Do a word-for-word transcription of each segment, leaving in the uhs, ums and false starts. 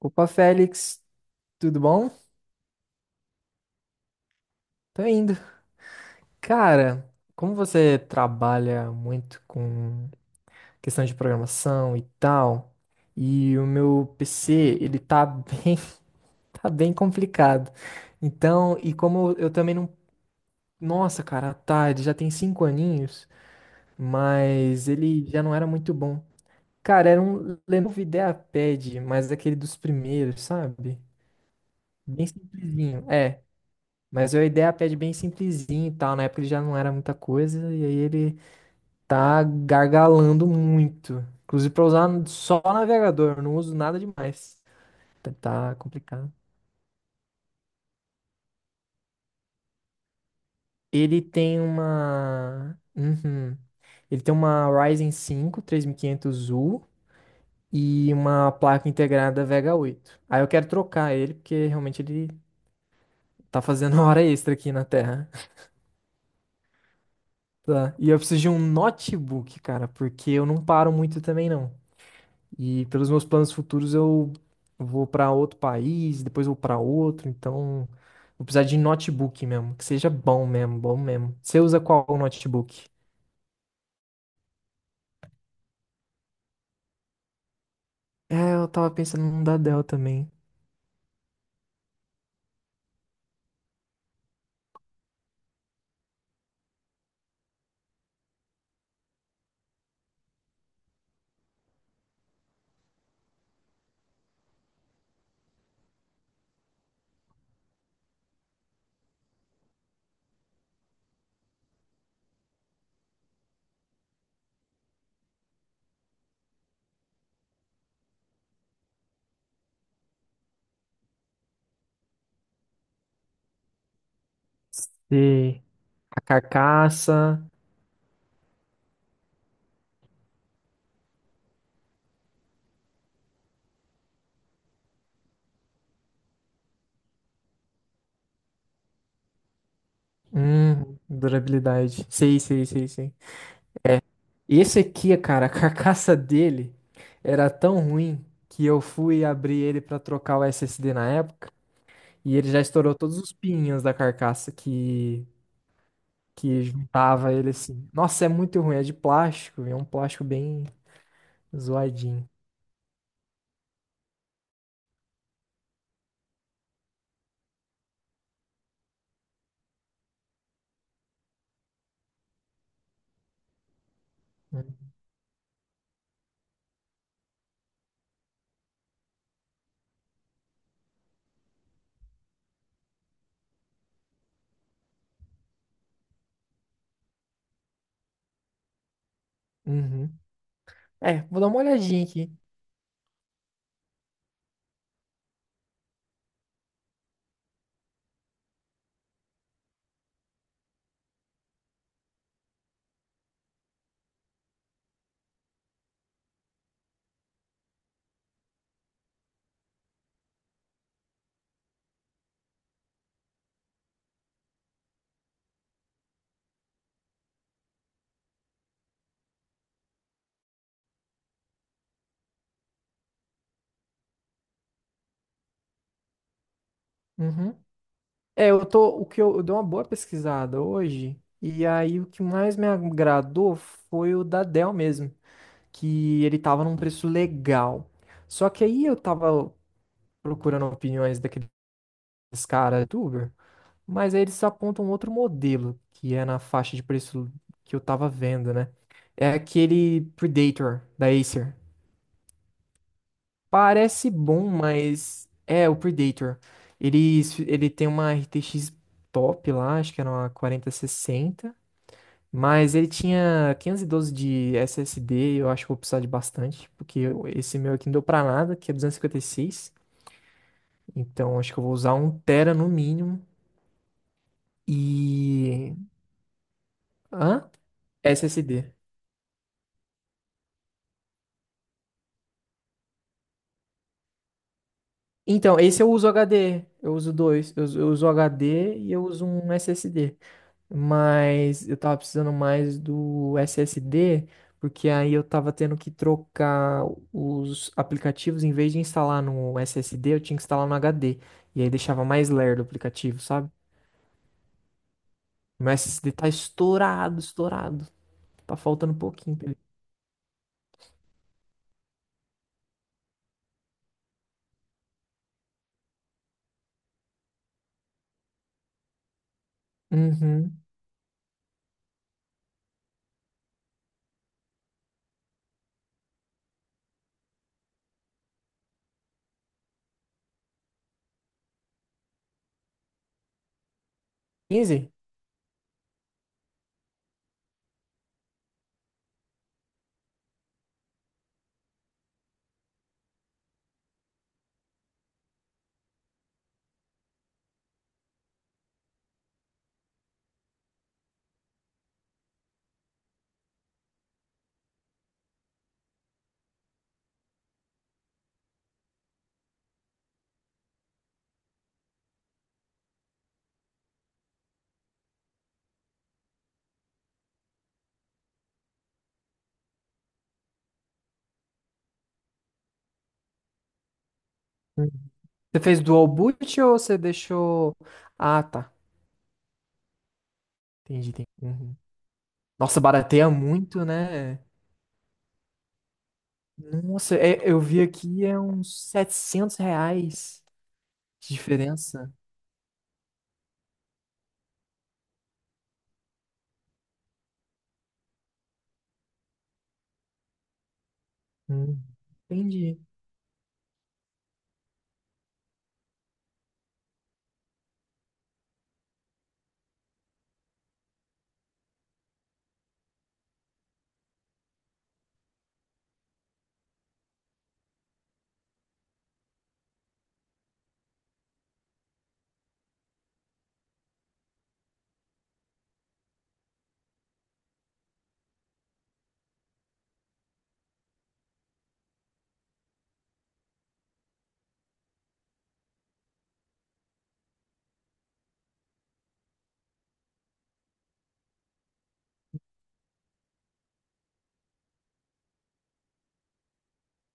Opa, Félix, tudo bom? Tô indo. Cara, como você trabalha muito com questão de programação e tal, e o meu P C, ele tá bem, tá bem complicado. Então, e como eu também não. Nossa, cara, tá, ele já tem cinco aninhos, mas ele já não era muito bom. Cara, era um Lenovo IdeaPad, mas aquele dos primeiros, sabe? Bem simplesinho. É. Mas a ideia pede bem simplesinho e tal. Na época ele já não era muita coisa, e aí ele tá gargalando muito. Inclusive pra usar só navegador, eu não uso nada demais. Tá tá complicado. Ele tem uma. Uhum. Ele tem uma Ryzen cinco três mil e quinhentos U e quinhentos U e uma placa integrada Vega oito. Aí eu quero trocar ele, porque realmente ele tá fazendo hora extra aqui na Terra. Tá. E eu preciso de um notebook, cara, porque eu não paro muito também, não. E pelos meus planos futuros eu vou para outro país, depois vou para outro, então vou precisar de notebook mesmo, que seja bom mesmo, bom mesmo. Você usa qual notebook? É, eu tava pensando num da Dell também. E a carcaça, hum, durabilidade. Sei, sei, sei, sei. Esse aqui, cara, a carcaça dele era tão ruim que eu fui abrir ele pra trocar o S S D na época e ele já estourou todos os pininhos da carcaça que que juntava ele assim. Nossa, é muito ruim, é de plástico, é um plástico bem zoadinho. Uhum. É, vou dar uma olhadinha aqui. Uhum. É, eu tô, o que eu, eu dei uma boa pesquisada hoje, e aí o que mais me agradou foi o da Dell mesmo, que ele tava num preço legal. Só que aí eu tava procurando opiniões daqueles caras youtuber, mas aí eles apontam outro modelo, que é na faixa de preço que eu tava vendo, né? É aquele Predator da Acer. Parece bom, mas é o Predator. Ele, ele tem uma R T X top lá, acho que era uma quarenta sessenta, mas ele tinha quinhentos e doze de S S D, eu acho que eu vou precisar de bastante, porque eu- esse meu aqui não deu pra nada, que é duzentos e e cinquenta e seis. Então acho que eu vou usar um tera no mínimo. E. Hã? S S D. Então, esse eu uso H D. Eu uso dois. Eu, uso eu uso H D e eu uso um S S D. Mas eu tava precisando mais do S S D, porque aí eu tava tendo que trocar os aplicativos. Em vez de instalar no S S D, eu tinha que instalar no H D. E aí deixava mais lerdo o aplicativo, sabe? Meu S S D tá estourado, estourado. Tá faltando um pouquinho pra ele. Uhum. quinze? Uhum. Você fez dual boot ou você deixou. Ah, tá. Entendi, entendi. Uhum. Nossa, barateia muito, né? Nossa, é- eu vi aqui é uns setecentos reais de diferença. Hum, entendi.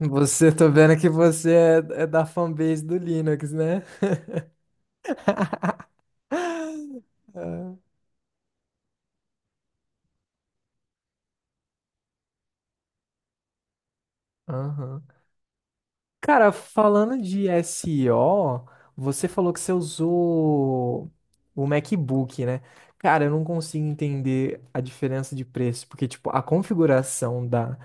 Você, tô vendo que você é, é da fanbase do Linux, né? Ah, aham. Cara, falando de seo, você falou que você usou o MacBook, né? Cara, eu não consigo entender a diferença de preço, porque, tipo, a configuração da,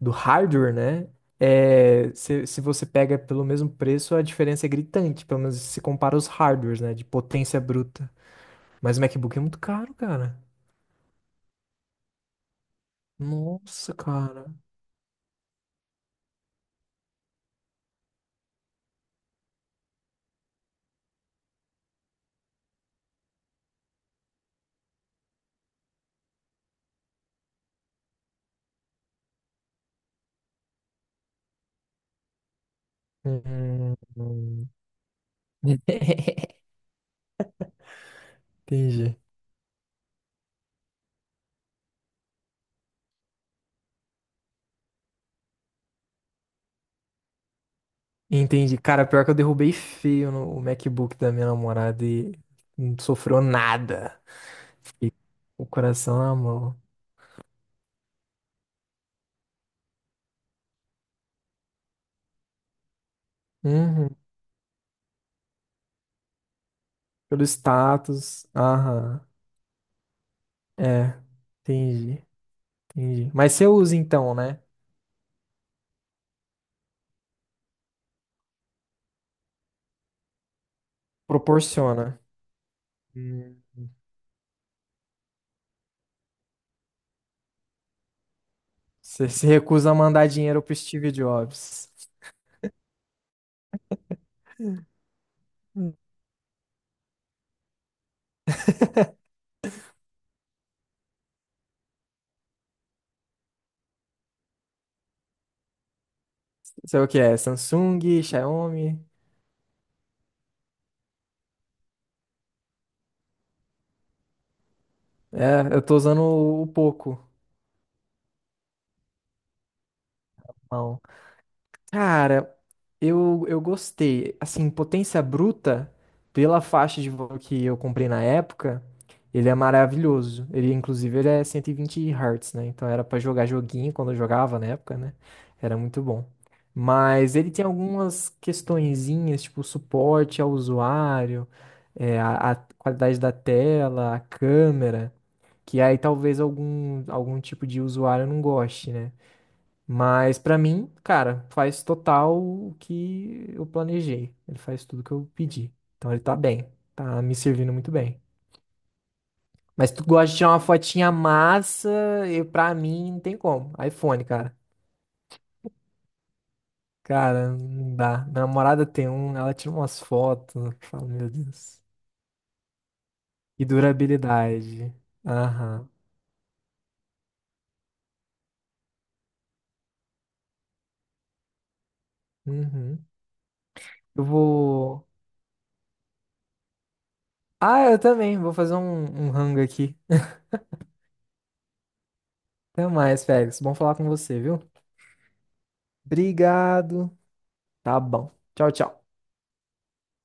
do hardware, né? É, se, se você pega pelo mesmo preço, a diferença é gritante, pelo menos se compara os hardwares, né? De potência bruta. Mas o MacBook é muito caro, cara. Nossa, cara. Hum, Entendi. Entendi. Cara, pior que eu derrubei feio no MacBook da minha namorada e não sofreu nada. Fiquei o coração na mão. Uhum. Pelo status. Aham. É. Entendi. Entendi. Mas você usa então, né? Proporciona. Hum. Você se recusa a mandar dinheiro pro Steve Jobs. Hum. Sei o que é. Samsung, Xiaomi. É, eu tô usando o o Poco. Cara, eu, eu gostei. Assim, Potência Bruta, pela faixa de voo que eu comprei na época, ele é maravilhoso. Ele, inclusive, ele é cento e vinte Hz, né? Então era pra jogar joguinho quando eu jogava na época, né? Era muito bom. Mas ele tem algumas questõezinhas, tipo suporte ao usuário, é, a, a qualidade da tela, a câmera, que aí talvez algum, algum tipo de usuário não goste, né? Mas pra mim, cara, faz total o que eu planejei. Ele faz tudo que eu pedi. Então ele tá bem, tá me servindo muito bem. Mas tu gosta de tirar uma fotinha massa, e pra mim não tem como. iPhone, cara. Cara, não dá. Minha namorada tem um, ela tira umas fotos, eu falo, meu Deus. E durabilidade. Aham. Uhum. Eu vou. Ah, eu também. Vou fazer um, um rango aqui. Até mais, Félix. Bom falar com você, viu? Obrigado. Tá bom. Tchau, tchau.